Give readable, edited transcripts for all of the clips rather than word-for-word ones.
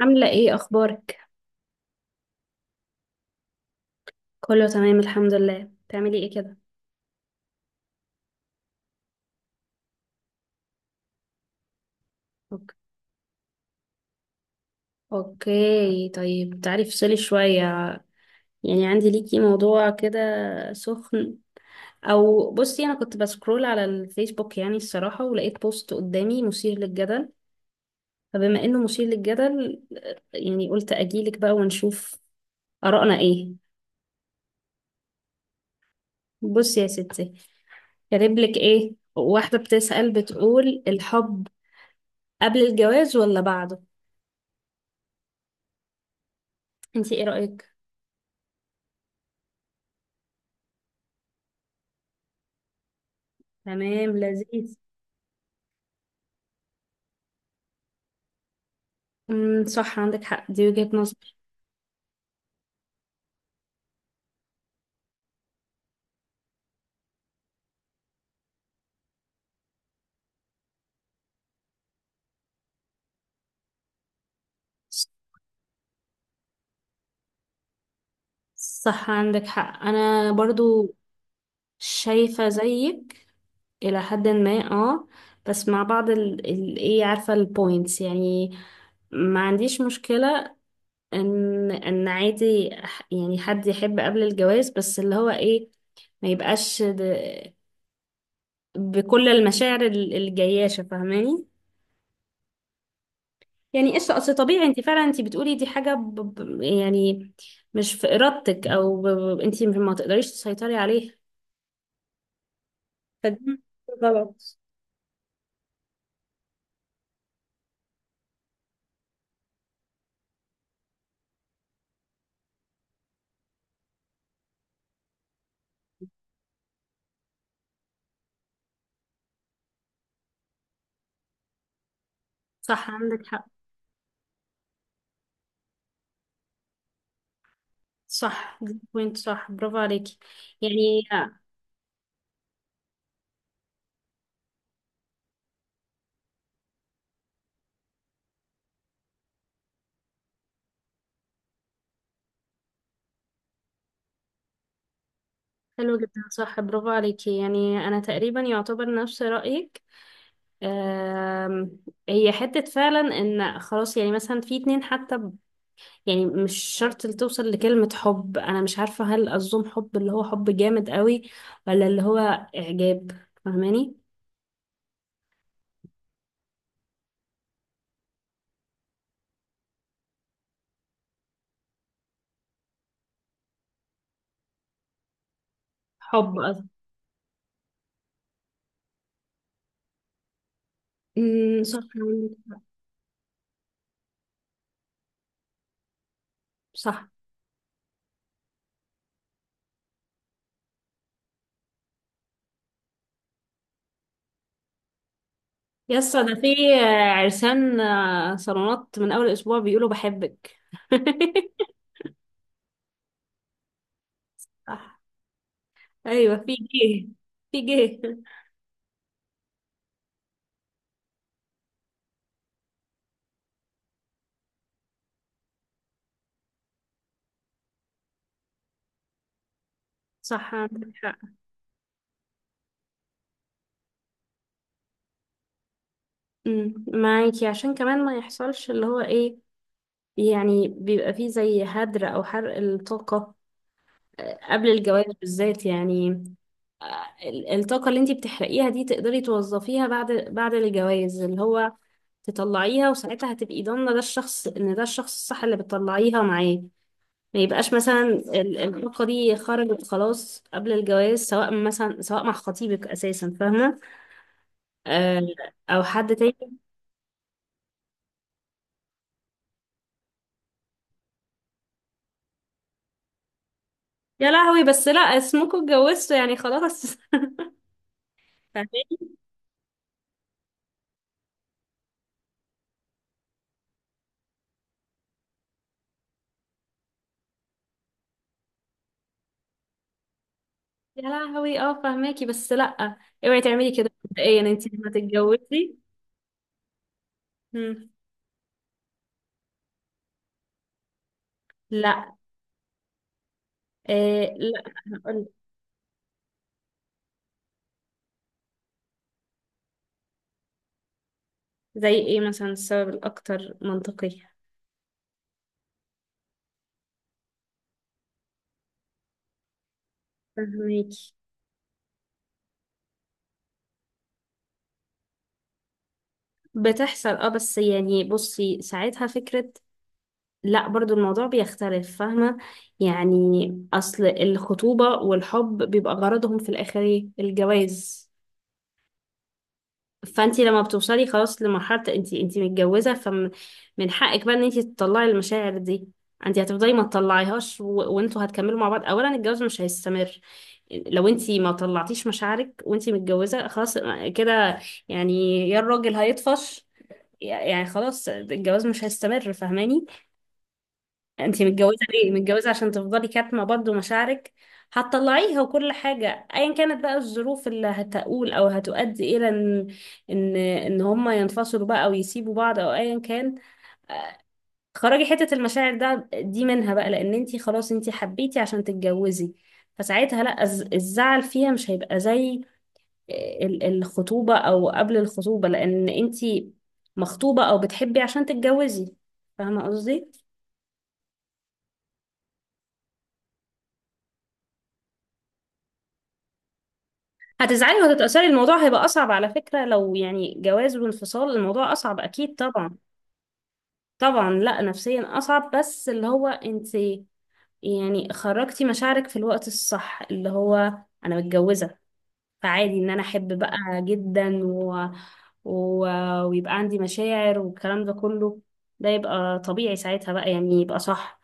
عاملة ايه اخبارك؟ كله تمام الحمد لله، بتعملي ايه كده؟ أوك- اوكي طيب تعالي افصلي شوية، يعني عندي ليكي موضوع كده سخن. او بصي، انا كنت بسكرول على الفيسبوك الصراحة، ولقيت بوست قدامي مثير للجدل. فبما انه مثير للجدل، يعني قلت اجيلك بقى ونشوف آرائنا ايه. بصي يا ستي، كاتبلك ايه واحدة بتسأل، بتقول الحب قبل الجواز ولا بعده؟ انتي ايه رأيك؟ تمام، لذيذ. صح، عندك حق، دي وجهة نظر. صح، عندك حق، انا برضو شايفة زيك الى حد ما، اه. بس مع بعض ال ايه، عارفة، البوينتس يعني. ما عنديش مشكلة ان عادي يعني حد يحب قبل الجواز، بس اللي هو ايه، ما يبقاش بكل المشاعر الجياشة، فاهماني؟ يعني قشطة، اصل طبيعي، انت فعلا انت بتقولي دي حاجة يعني مش في ارادتك، او انت ما تقدريش تسيطري عليها. فدي غلط. صح، عندك حق. صح، دي بوينت، صح، برافو عليكي يعني. حلو جدا، صح، برافو عليكي، يعني انا تقريبا يعتبر نفس رأيك. أم... هي حتة فعلا ان خلاص، يعني مثلا في اتنين حتى يعني مش شرط اللي توصل لكلمة حب. أنا مش عارفة هل أظن حب اللي هو حب جامد قوي ولا اللي هو إعجاب، فاهماني؟ حب قصدي. صح، عندك حق. صح. يسا ده في عرسان صالونات من أول أسبوع بيقولوا بحبك. صح. أيوة، في جه، في جه. صح، عندك حق. معاكي عشان كمان ما يحصلش اللي هو إيه، يعني بيبقى فيه زي هدر أو حرق الطاقة قبل الجواز بالذات يعني. الطاقة اللي انتي بتحرقيها دي تقدري توظفيها بعد بعد الجواز، اللي هو تطلعيها وساعتها هتبقي ضامنة ده الشخص، ان ده الشخص الصح اللي بتطلعيها معاه. ما يبقاش مثلا الطاقة دي خرجت خلاص قبل الجواز، سواء مثلا سواء مع خطيبك اساسا، فاهمة؟ آه، او حد تاني. يا لهوي، بس لا، اسمكوا اتجوزتوا يعني خلاص. فاهماكي. يا لهوي، اه فاهماكي، بس لا، اوعي تعملي كده مبدئيا انتي لما تتجوزي. مم. لا، آه لا. هقولك. زي ايه مثلا السبب الاكتر منطقي؟ فهميكي. بتحصل اه، بس يعني بصي ساعتها فكرة، لا برضو الموضوع بيختلف، فاهمة؟ يعني اصل الخطوبة والحب بيبقى غرضهم في الاخر ايه؟ الجواز. فانت لما بتوصلي خلاص لمرحله انت متجوزه، فمن حقك بقى ان انت تطلعي المشاعر دي. انت هتفضلي ما تطلعيهاش وانتوا هتكملوا مع بعض؟ اولا الجواز مش هيستمر لو انت ما طلعتيش مشاعرك وانت متجوزه، خلاص كده، يعني يا الراجل هيطفش، يعني خلاص الجواز مش هيستمر، فاهماني؟ انتي متجوزة ليه؟ متجوزة عشان تفضلي كاتمة برضه مشاعرك؟ هتطلعيها. وكل حاجة ايا كانت بقى الظروف اللي هتقول او هتؤدي الى ان ان هما ينفصلوا بقى او يسيبوا بعض او ايا كان، خرجي حتة المشاعر ده دي منها بقى، لان انتي خلاص انتي حبيتي عشان تتجوزي. فساعتها لا، الزعل فيها مش هيبقى زي الخطوبة او قبل الخطوبة، لان انتي مخطوبة او بتحبي عشان تتجوزي، فاهمة قصدي؟ هتزعلي وهتتأثري، الموضوع هيبقى أصعب على فكرة، لو يعني جواز وانفصال الموضوع أصعب أكيد طبعا. طبعا لا، نفسيا أصعب، بس اللي هو انت يعني خرجتي مشاعرك في الوقت الصح، اللي هو أنا متجوزة فعادي إن أنا أحب بقى جدا و... ويبقى عندي مشاعر والكلام ده كله، ده يبقى طبيعي ساعتها بقى، يعني يبقى صح.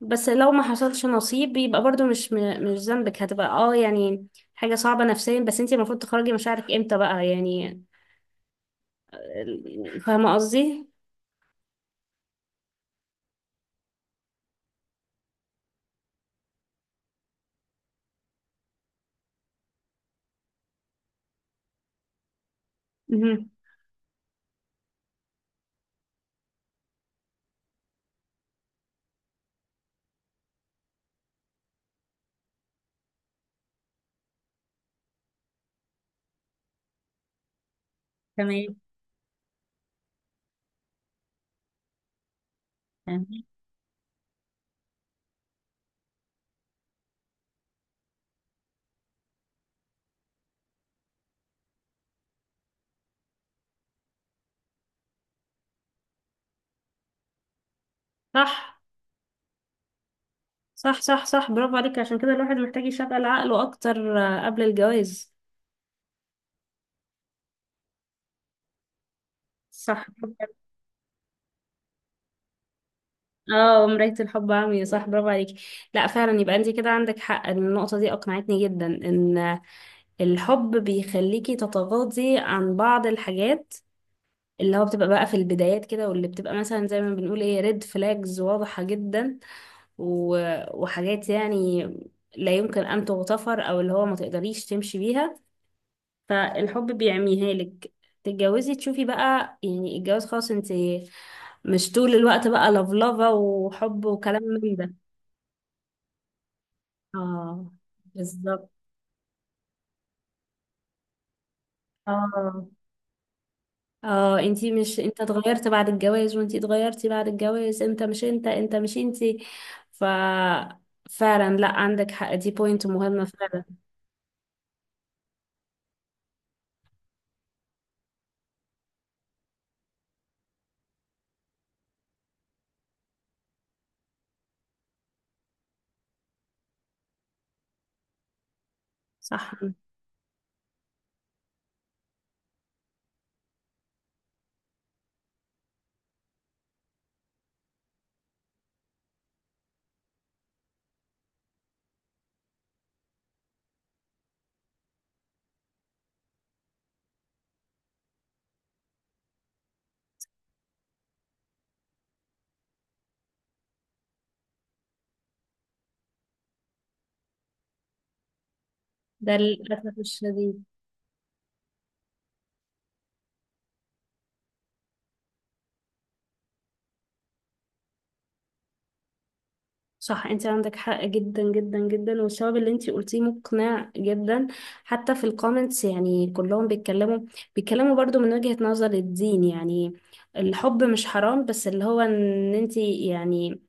بس لو ما حصلش نصيب يبقى برضو مش ذنبك، هتبقى اه يعني حاجة صعبة نفسيا، بس انت المفروض تخرجي مشاعرك امتى بقى يعني، فاهمة قصدي؟ مهم. تمام، تمام. صح، صح، صح، صح، برافو عليك. عشان كده الواحد محتاج يشغل عقله أكتر قبل الجواز. صح. اه، مراية الحب عمياء، صح، برافو عليكي. لا فعلا، يبقى انت كده عندك حق، النقطة دي أقنعتني جدا ان الحب بيخليكي تتغاضي عن بعض الحاجات اللي هو بتبقى بقى في البدايات كده، واللي بتبقى مثلا زي ما بنقول ايه، ريد فلاجز واضحة جدا و- وحاجات يعني لا يمكن أن تغتفر، أو اللي هو ما تقدريش تمشي بيها، فالحب بيعميها لك. تتجوزي تشوفي بقى، يعني الجواز خلاص، انت مش طول الوقت بقى لفلفة وحب وكلام من ده. اه، بالظبط. اه. اه، انتي مش انت، اتغيرت بعد الجواز، وانتي اتغيرتي بعد الجواز، انت مش انت، انت مش انتي. ف فعلا لا، عندك حق، دي بوينت مهمة فعلا. صح. ده للأسف الشديد. صح، انت عندك حق جدا جدا جدا، والسبب اللي انت قلتيه مقنع جدا. حتى في الكومنتس يعني كلهم بيتكلموا، بيتكلموا برضو من وجهة نظر الدين، يعني الحب مش حرام، بس اللي هو ان انت يعني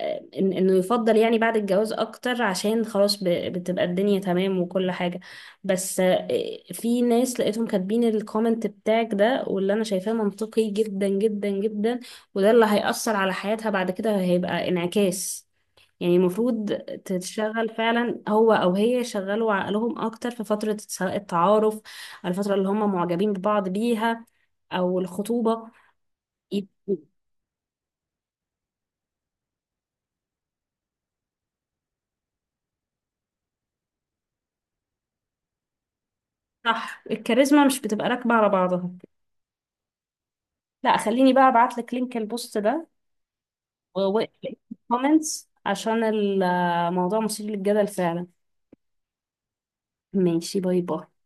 آه، إن انه يفضل يعني بعد الجواز اكتر، عشان خلاص بتبقى الدنيا تمام وكل حاجة. بس آه، في ناس لقيتهم كاتبين الكومنت بتاعك ده، واللي انا شايفاه منطقي جدا جدا جدا. وده اللي هيأثر على حياتها بعد كده، هيبقى انعكاس يعني. المفروض تشتغل فعلا، هو او هي، يشغلوا عقلهم اكتر في فترة سواء التعارف أو الفترة اللي هم معجبين ببعض بيها او الخطوبة. يب- صح، الكاريزما مش بتبقى راكبة على بعضها. لا خليني بقى ابعت لك لينك البوست ده والكومنتس، عشان الموضوع مثير للجدل فعلا. ماشي، باي باي.